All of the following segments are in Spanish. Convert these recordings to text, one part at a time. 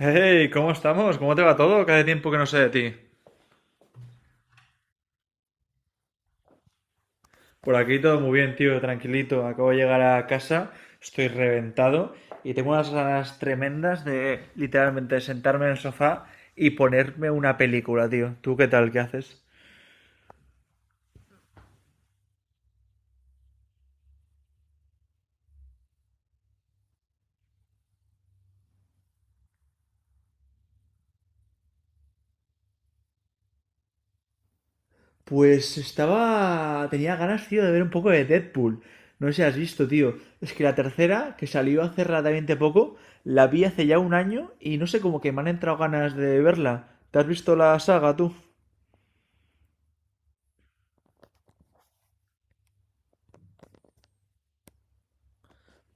Hey, ¿cómo estamos? ¿Cómo te va todo? Cada tiempo que no sé de ti. Por aquí todo muy bien, tío, tranquilito. Acabo de llegar a casa, estoy reventado y tengo unas ganas tremendas de literalmente sentarme en el sofá y ponerme una película, tío. ¿Tú qué tal? ¿Qué haces? Pues estaba... Tenía ganas, tío, de ver un poco de Deadpool. No sé si has visto, tío. Es que la tercera, que salió hace relativamente poco, la vi hace ya un año y no sé, como que me han entrado ganas de verla. ¿Te has visto la saga, tú?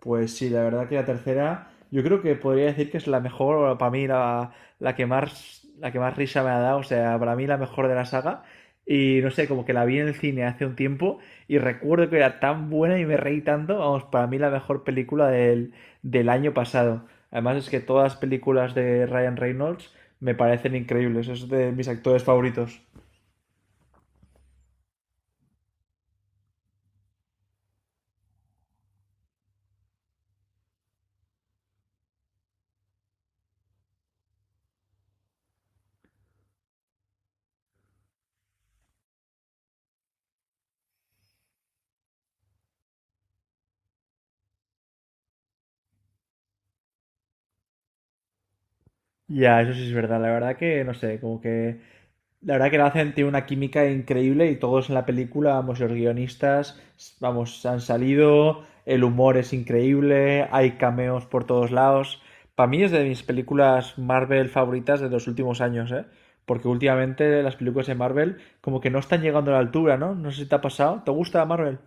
Pues sí, la verdad que la tercera, yo creo que podría decir que es la mejor, o para mí la que más, la que más risa me ha dado, o sea, para mí la mejor de la saga. Y no sé, como que la vi en el cine hace un tiempo y recuerdo que era tan buena y me reí tanto, vamos, para mí la mejor película del año pasado. Además es que todas las películas de Ryan Reynolds me parecen increíbles, es de mis actores favoritos. Ya, eso sí es verdad, la verdad que no sé, como que la verdad que lo hacen, tiene una química increíble y todos en la película, vamos, los guionistas, vamos, han salido, el humor es increíble, hay cameos por todos lados. Para mí es de mis películas Marvel favoritas de los últimos años, ¿eh? Porque últimamente las películas de Marvel como que no están llegando a la altura, ¿no? No sé si te ha pasado. ¿Te gusta Marvel?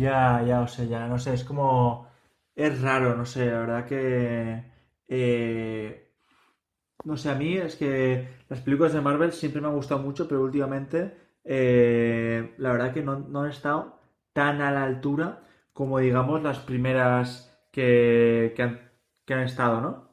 Ya, ya, o sea, ya, no sé, es como... Es raro, no sé, la verdad que... eh, no sé, a mí es que las películas de Marvel siempre me han gustado mucho, pero últimamente la verdad que no han estado tan a la altura como digamos las primeras que han, que han estado, ¿no?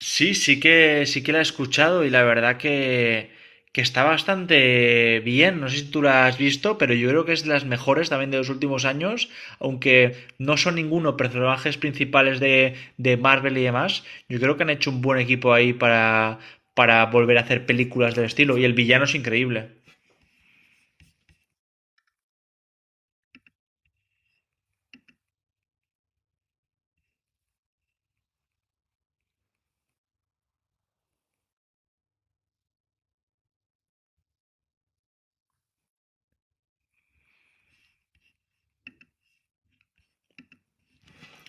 Sí, sí que la he escuchado y la verdad que está bastante bien. No sé si tú la has visto, pero yo creo que es de las mejores también de los últimos años, aunque no son ninguno personajes principales de Marvel y demás. Yo creo que han hecho un buen equipo ahí para volver a hacer películas del estilo y el villano es increíble.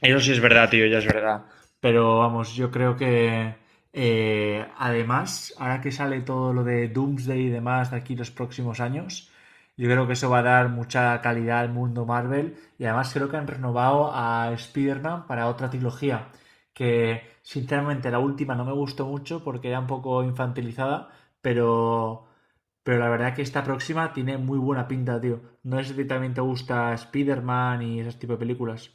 Eso sí es verdad, tío, ya es verdad. Pero vamos, yo creo que además, ahora que sale todo lo de Doomsday y demás de aquí los próximos años, yo creo que eso va a dar mucha calidad al mundo Marvel. Y además creo que han renovado a Spider-Man para otra trilogía, que sinceramente la última no me gustó mucho porque era un poco infantilizada, pero, pero la verdad que esta próxima tiene muy buena pinta, tío. No sé si a ti también te gusta Spider-Man y ese tipo de películas.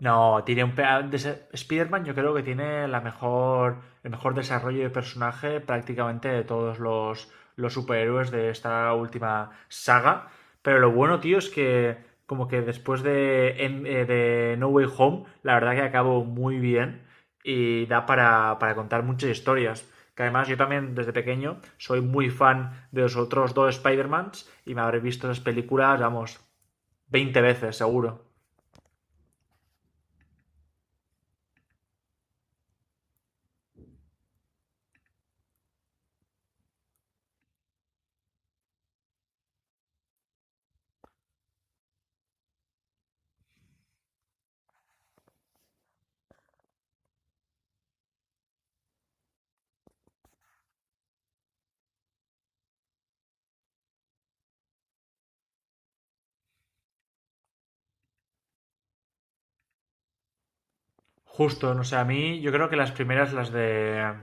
No, tiene un... Spider-Man yo creo que tiene la mejor, el mejor desarrollo de personaje prácticamente de todos los superhéroes de esta última saga. Pero lo bueno, tío, es que como que después de, de No Way Home, la verdad que acabó muy bien y da para contar muchas historias. Que además yo también desde pequeño soy muy fan de los otros dos Spider-Mans y me habré visto esas películas, vamos, 20 veces seguro. Justo, no sé, a mí yo creo que las primeras,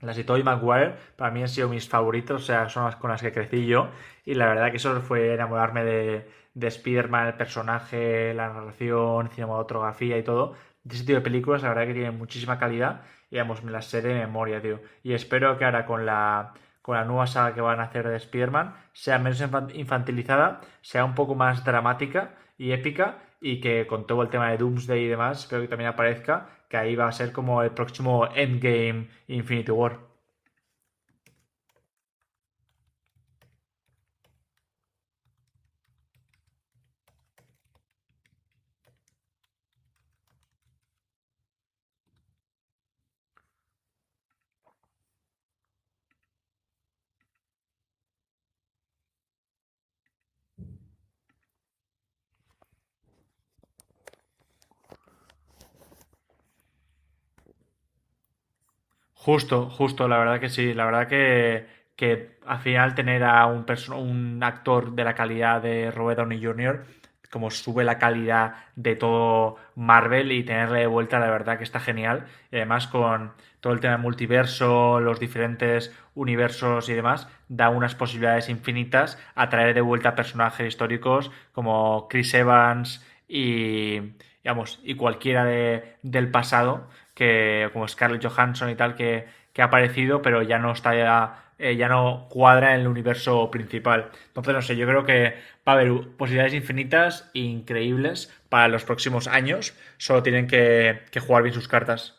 las de Tobey Maguire, para mí han sido mis favoritos, o sea, son las con las que crecí yo y la verdad que eso fue enamorarme de Spider-Man, el personaje, la narración, cinematografía y todo. De ese tipo de películas, la verdad que tienen muchísima calidad y, vamos, me las sé de memoria, tío. Y espero que ahora con la nueva saga que van a hacer de Spider-Man, sea menos infantilizada, sea un poco más dramática y épica, y que con todo el tema de Doomsday y demás, creo que también aparezca, que ahí va a ser como el próximo Endgame Infinity War. Justo, justo, la verdad que sí. La verdad que al final tener a un, un actor de la calidad de Robert Downey Jr., como sube la calidad de todo Marvel y tenerle de vuelta, la verdad que está genial. Y además con todo el tema del multiverso, los diferentes universos y demás, da unas posibilidades infinitas a traer de vuelta personajes históricos como Chris Evans y digamos, y cualquiera de, del pasado, que, como Scarlett Johansson y tal, que ha aparecido, pero ya no está ya, ya no cuadra en el universo principal. Entonces, no sé, yo creo que va a haber posibilidades infinitas, e increíbles, para los próximos años. Solo tienen que jugar bien sus cartas.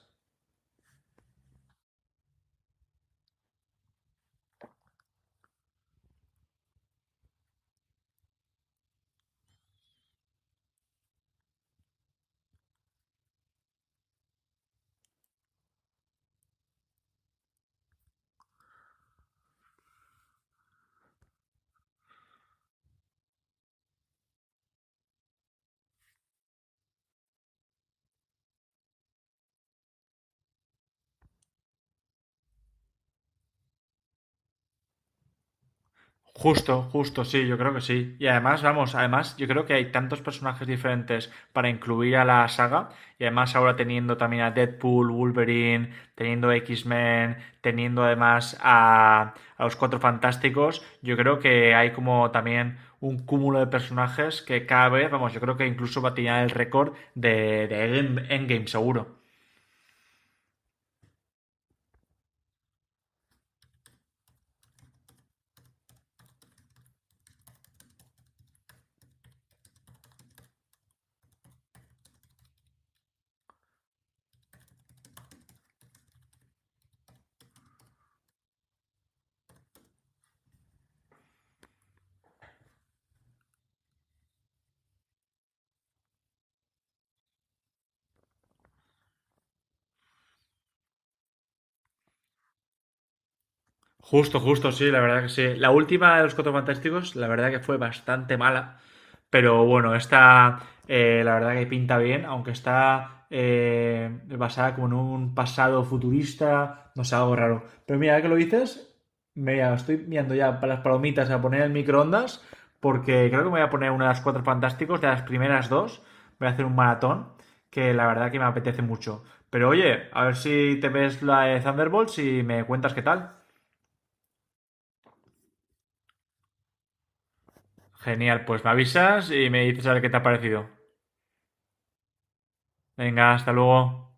Justo, justo, sí, yo creo que sí. Y además, vamos, además yo creo que hay tantos personajes diferentes para incluir a la saga. Y además ahora teniendo también a Deadpool, Wolverine, teniendo X-Men, teniendo además a los Cuatro Fantásticos, yo creo que hay como también un cúmulo de personajes que cada vez, vamos, yo creo que incluso va a tirar el récord de Endgame, seguro. Justo, justo, sí, la verdad que sí. La última de los Cuatro Fantásticos, la verdad que fue bastante mala. Pero bueno, esta la verdad que pinta bien, aunque está basada como en un pasado futurista, no sé, algo raro. Pero mira, ahora que lo dices, me estoy mirando ya para las palomitas a poner en el microondas, porque creo que me voy a poner una de las Cuatro Fantásticos, de las primeras dos. Voy a hacer un maratón, que la verdad que me apetece mucho. Pero oye, a ver si te ves la de Thunderbolts y me cuentas qué tal. Genial, pues me avisas y me dices a ver qué te ha parecido. Venga, hasta luego.